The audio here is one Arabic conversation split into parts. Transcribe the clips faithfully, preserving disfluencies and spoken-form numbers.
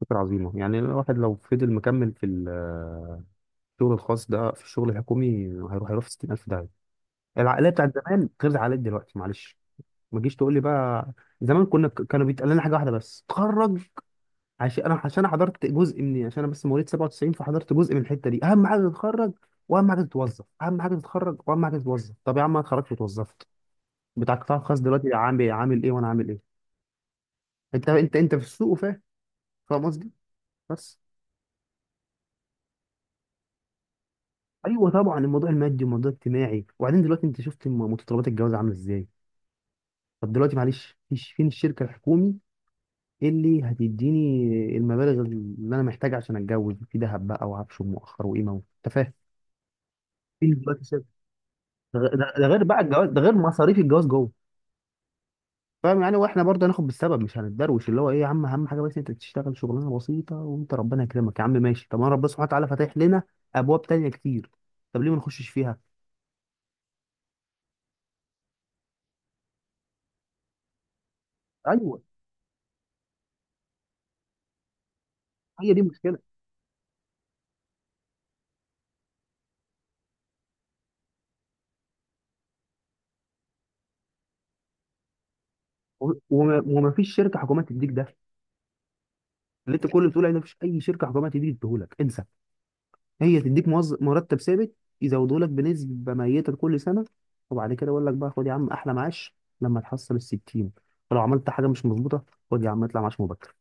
فكرة عظيمة. يعني الواحد لو فضل مكمل في ال- الشغل الخاص ده في الشغل الحكومي هيروح هيروح في ستين ألف داهية. العقلية بتاعت زمان غير العقلية دلوقتي، معلش. ما تجيش تقول لي بقى، زمان كنا كانوا بيتقال لنا حاجة واحدة بس، تخرج. عشان انا، عشان أنا حضرت جزء مني، عشان انا بس مواليد سبعة وتسعين، فحضرت جزء من الحتة دي. اهم حاجة تتخرج واهم حاجة تتوظف، اهم حاجة تتخرج واهم حاجة تتوظف. طب يا عم انا اتخرجت واتوظفت، بتاع القطاع الخاص دلوقتي عامل إيه؟ عامل ايه وانا عامل ايه؟ انت انت انت في السوق وفاهم، فاهم قصدي. بس ايوه طبعا، الموضوع المادي والموضوع الاجتماعي. وبعدين دلوقتي انت شفت م- متطلبات الجواز عامله ازاي. طب دلوقتي معلش، فيش فين الشركه الحكومي اللي هتديني المبالغ اللي انا محتاج عشان اتجوز، في دهب بقى وعفش ومؤخر وقيمه و- انت فاهم. فين دلوقتي شركه؟ ده غ- ده- ده غير بقى الجواز، ده غير مصاريف الجواز جوه. فاهم يعني. واحنا برضه هناخد بالسبب، مش هنتدروش اللي هو ايه يا عم، اهم حاجه بس انت تشتغل شغلانه بسيطه وانت ربنا يكرمك يا عم، ماشي. طب ما ربنا سبحانه وتعالى فاتح لنا ابواب تانيه كتير، طب ليه ما نخشش فيها؟ ايوه، هي دي المشكله. و- وما وما فيش شركه حكوميه تديك ده. اللي انت كل اللي بتقول عليه ده، مفيش اي شركه حكوميه تديك، تديهولك، انسى. هي تديك موظف مرتب ثابت، يزودوا لك بنسبه ميته كل سنه، وبعد كده يقول لك بقى خد يا عم احلى معاش لما تحصل ال ستين. فلو عملت حاجه مش مظبوطه، خد يا عم اطلع معاش مبكر.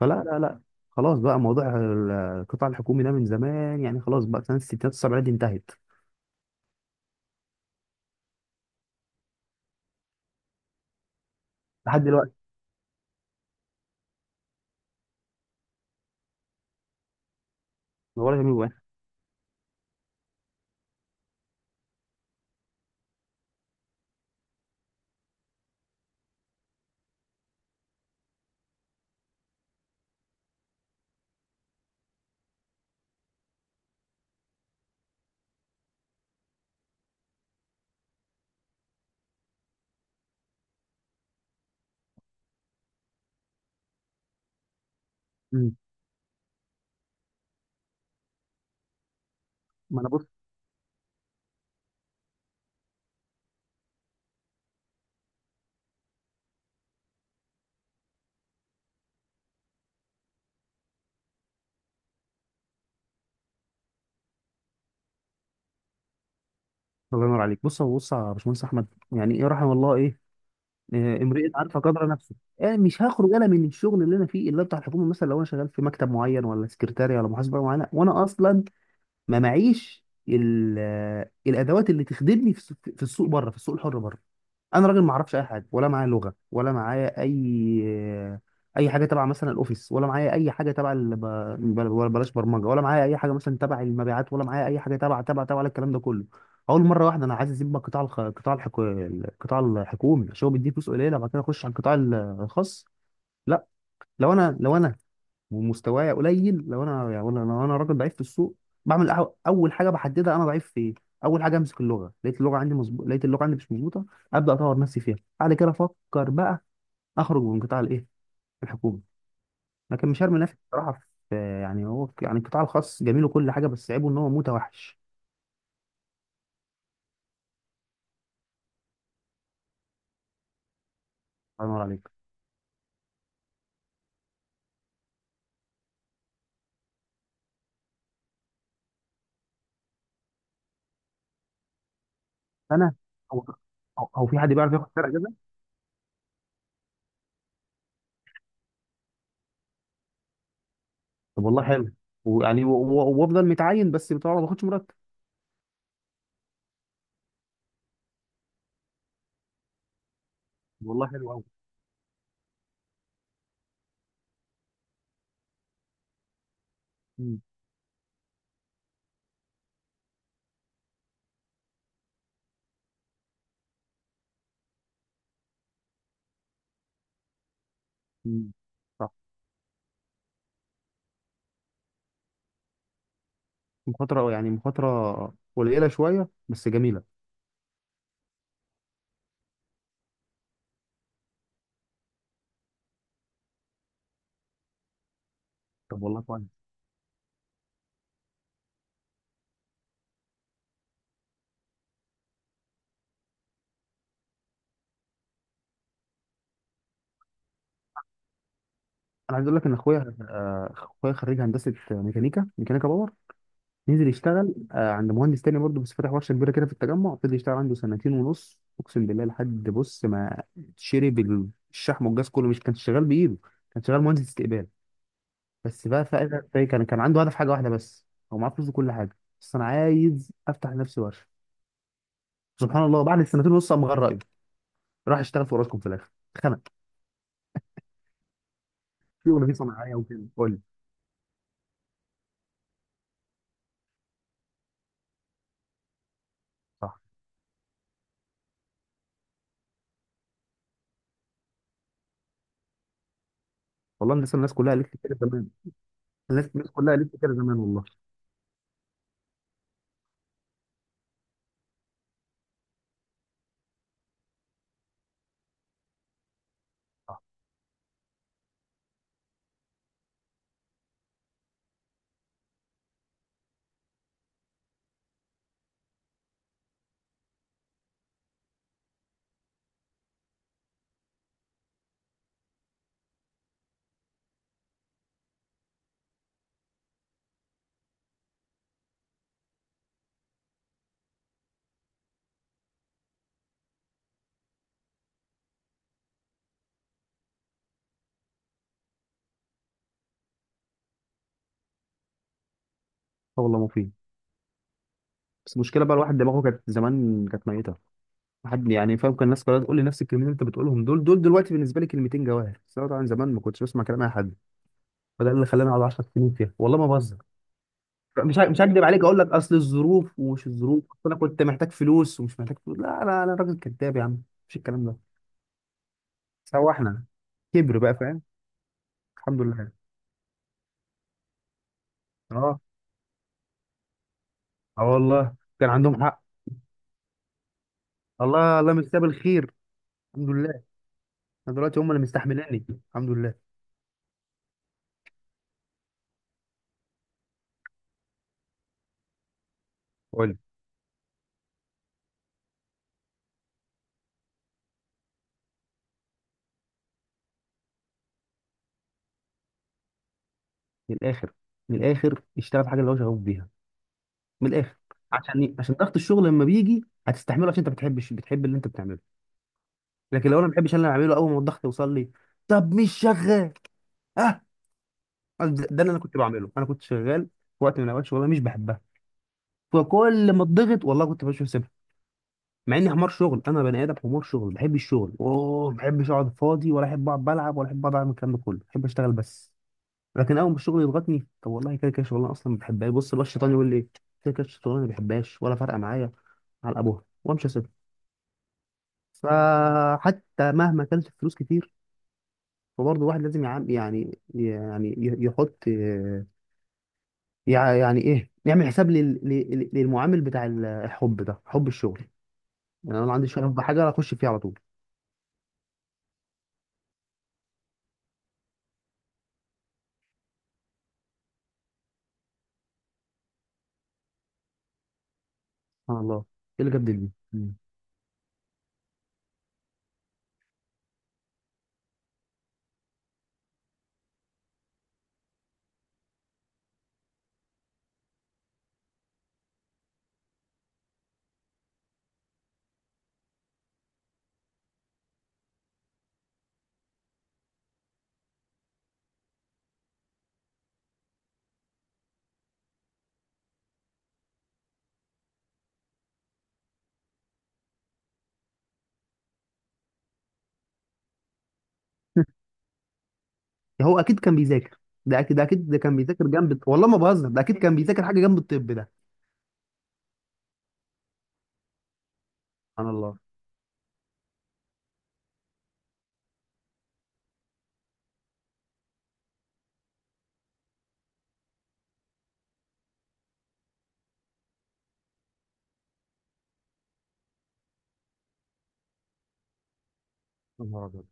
فلا لا لا، خلاص بقى. موضوع ال- القطاع الحكومي ده من زمان يعني، خلاص بقى، سنه الستينات والسبعينات دي انتهت لحد دلوقتي، ولا جميل واحد. مم. ما انا بص، الله ينور عليك. بص هو، بص يا باشمهندس احمد، يعني ايه رحم الله؟ ايه، آه، امرئة عارفة قدر نفسه. آه، مش هخرج انا من الشغل اللي انا فيه اللي هو بتاع الحكومة مثلا، لو انا شغال في مكتب معين ولا سكرتاري ولا محاسبة معينة، وانا اصلا ما معيش ال- آه، الادوات اللي تخدمني في السوق، في السوق بره، في السوق الحر بره. انا راجل ما اعرفش اي حاجه، ولا معايا لغه، ولا معايا اي اي حاجه تبع مثلا الاوفيس، ولا معايا اي حاجه تبع ال... ب... بل- ولا بلاش برمجه، ولا معايا اي حاجه مثلا تبع المبيعات، ولا معايا اي حاجه تبع تبع تبع ولا الكلام ده كله. اول مره واحده انا عايز اسيب بقى قطاع الخ... قطاع الحكو... القطاع الحكومي عشان هو بيديه فلوس قليله، بعد كده اخش على القطاع الخاص؟ لا. لو انا لو انا ومستوايا قليل، لو انا يعني، لو انا راجل ضعيف في السوق، بعمل أح- اول حاجه بحددها انا ضعيف في ايه. اول حاجه امسك اللغه، لقيت اللغه عندي مظبوط، لقيت اللغه عندي مش مظبوطه، ابدا اطور نفسي فيها. بعد كده افكر بقى اخرج من قطاع الايه، الحكومي. لكن مش هرمي نفسي بصراحه في، يعني هو ك- يعني القطاع الخاص جميل وكل حاجه، بس عيبه ان هو متوحش. الله ينور عليك. انا، او، او أو في حد بيعرف ياخد فرق كده. طب والله حلو. ويعني و- و- وافضل متعين بس طبعا ما باخدش مرتب. والله حلو قوي. مخاطرة يعني، مخاطرة قليلة شوية بس جميلة. طب والله كويس. أنا عايز أقول لك إن أخويا، آه، أخويا خريج هندسة ميكانيكا، ميكانيكا باور، نزل يشتغل آه، عند مهندس تاني برضه بس فاتح ورشة كبيرة كده في التجمع. فضل يشتغل عنده سنتين ونص، أقسم بالله لحد بص ما شرب الشحم والجاز كله. مش كان شغال بإيده، كان شغال مهندس استقبال، بس بقى فاهم. كان كان عنده هدف حاجة واحدة بس، هو معاه فلوس وكل حاجة بس أنا عايز أفتح لنفسي ورشة. سبحان الله، بعد السنتين ونص قام غير رأيه، راح اشتغل في أوراسكوم في الآخر، شغل فيه صناعيه وكده. قول لي. صح. والله الناس الناس كلها قالت لي كده زمان، الناس الناس كلها قالت لي كده زمان والله. صح. آه والله مفيد. بس المشكله بقى الواحد دماغه كانت زمان، كانت ميته. واحد يعني فاهم، كان الناس كلها تقول لي نفس الكلمتين اللي انت بتقولهم، دول دول دلوقتي بالنسبه لي كلمتين جواهر، بس انا طبعا زمان ما كنتش بسمع كلام اي حد. فده اللي خلاني اقعد عشرة سنين فيها، والله ما بهزر. مش ه- مش هكدب عليك، اقول لك اصل الظروف، ومش الظروف، اصل انا كنت محتاج فلوس، ومش محتاج فلوس، لا لا انا راجل كذاب يا عم، مش الكلام ده. سواحنا، كبر بقى فاهم. الحمد لله. اه. اه والله كان عندهم حق. الله الله، مستقبل الخير. الحمد لله. انا دلوقتي هم اللي مستحملاني، الحمد لله. قول لي. من الاخر، من الاخر اشتغل في حاجه اللي هو شغوف بيها، من الاخر. عشان ايه؟ عشان ضغط الشغل لما بيجي هتستحمله، عشان انت بتحبش، بتحب اللي انت بتعمله. لكن لو انا ما بحبش اللي انا بعمله، اول ما الضغط يوصل لي، طب مش شغال. اه، ده ده اللي انا كنت بعمله. انا كنت شغال في وقت من اوقات شغلانه مش بحبها، فكل ما اتضغط والله كنت بشوف سبب. مع اني حمار شغل، انا بني ادم حمار شغل، بحب الشغل، اوه، ما بحبش اقعد فاضي، ولا احب اقعد بلعب، ولا احب اقعد اعمل الكلام ده كله، بحب اشتغل بس. لكن اول ما الشغل يضغطني، طب والله كده كده شغلانه اصلا ما بحبهاش، بص بقى الشيطان يقول لي إيه؟ كده كده الشغلانه ما بحبهاش ولا فارقه معايا، على ابوها وامشي اسيبها. فحتى مهما كانت الفلوس كتير، فبرضه الواحد لازم يعم- يعني يعني ي- يحط آه، يع- يعني ايه، يعمل حساب لل- لل- للمعامل بتاع ال- الحب ده، حب الشغل. يعني انا لو عندي شغف بحاجه اخش فيها على طول. سبحان الله، ايه اللي جاب دي؟ مم. هو اكيد كان بيذاكر. ده اكيد ده اكيد ده كان بيذاكر جنب، والله ما بهزر، ده اكيد كان بيذاكر حاجه جنب الطب ده. سبحان الله. يا نهار أبيض.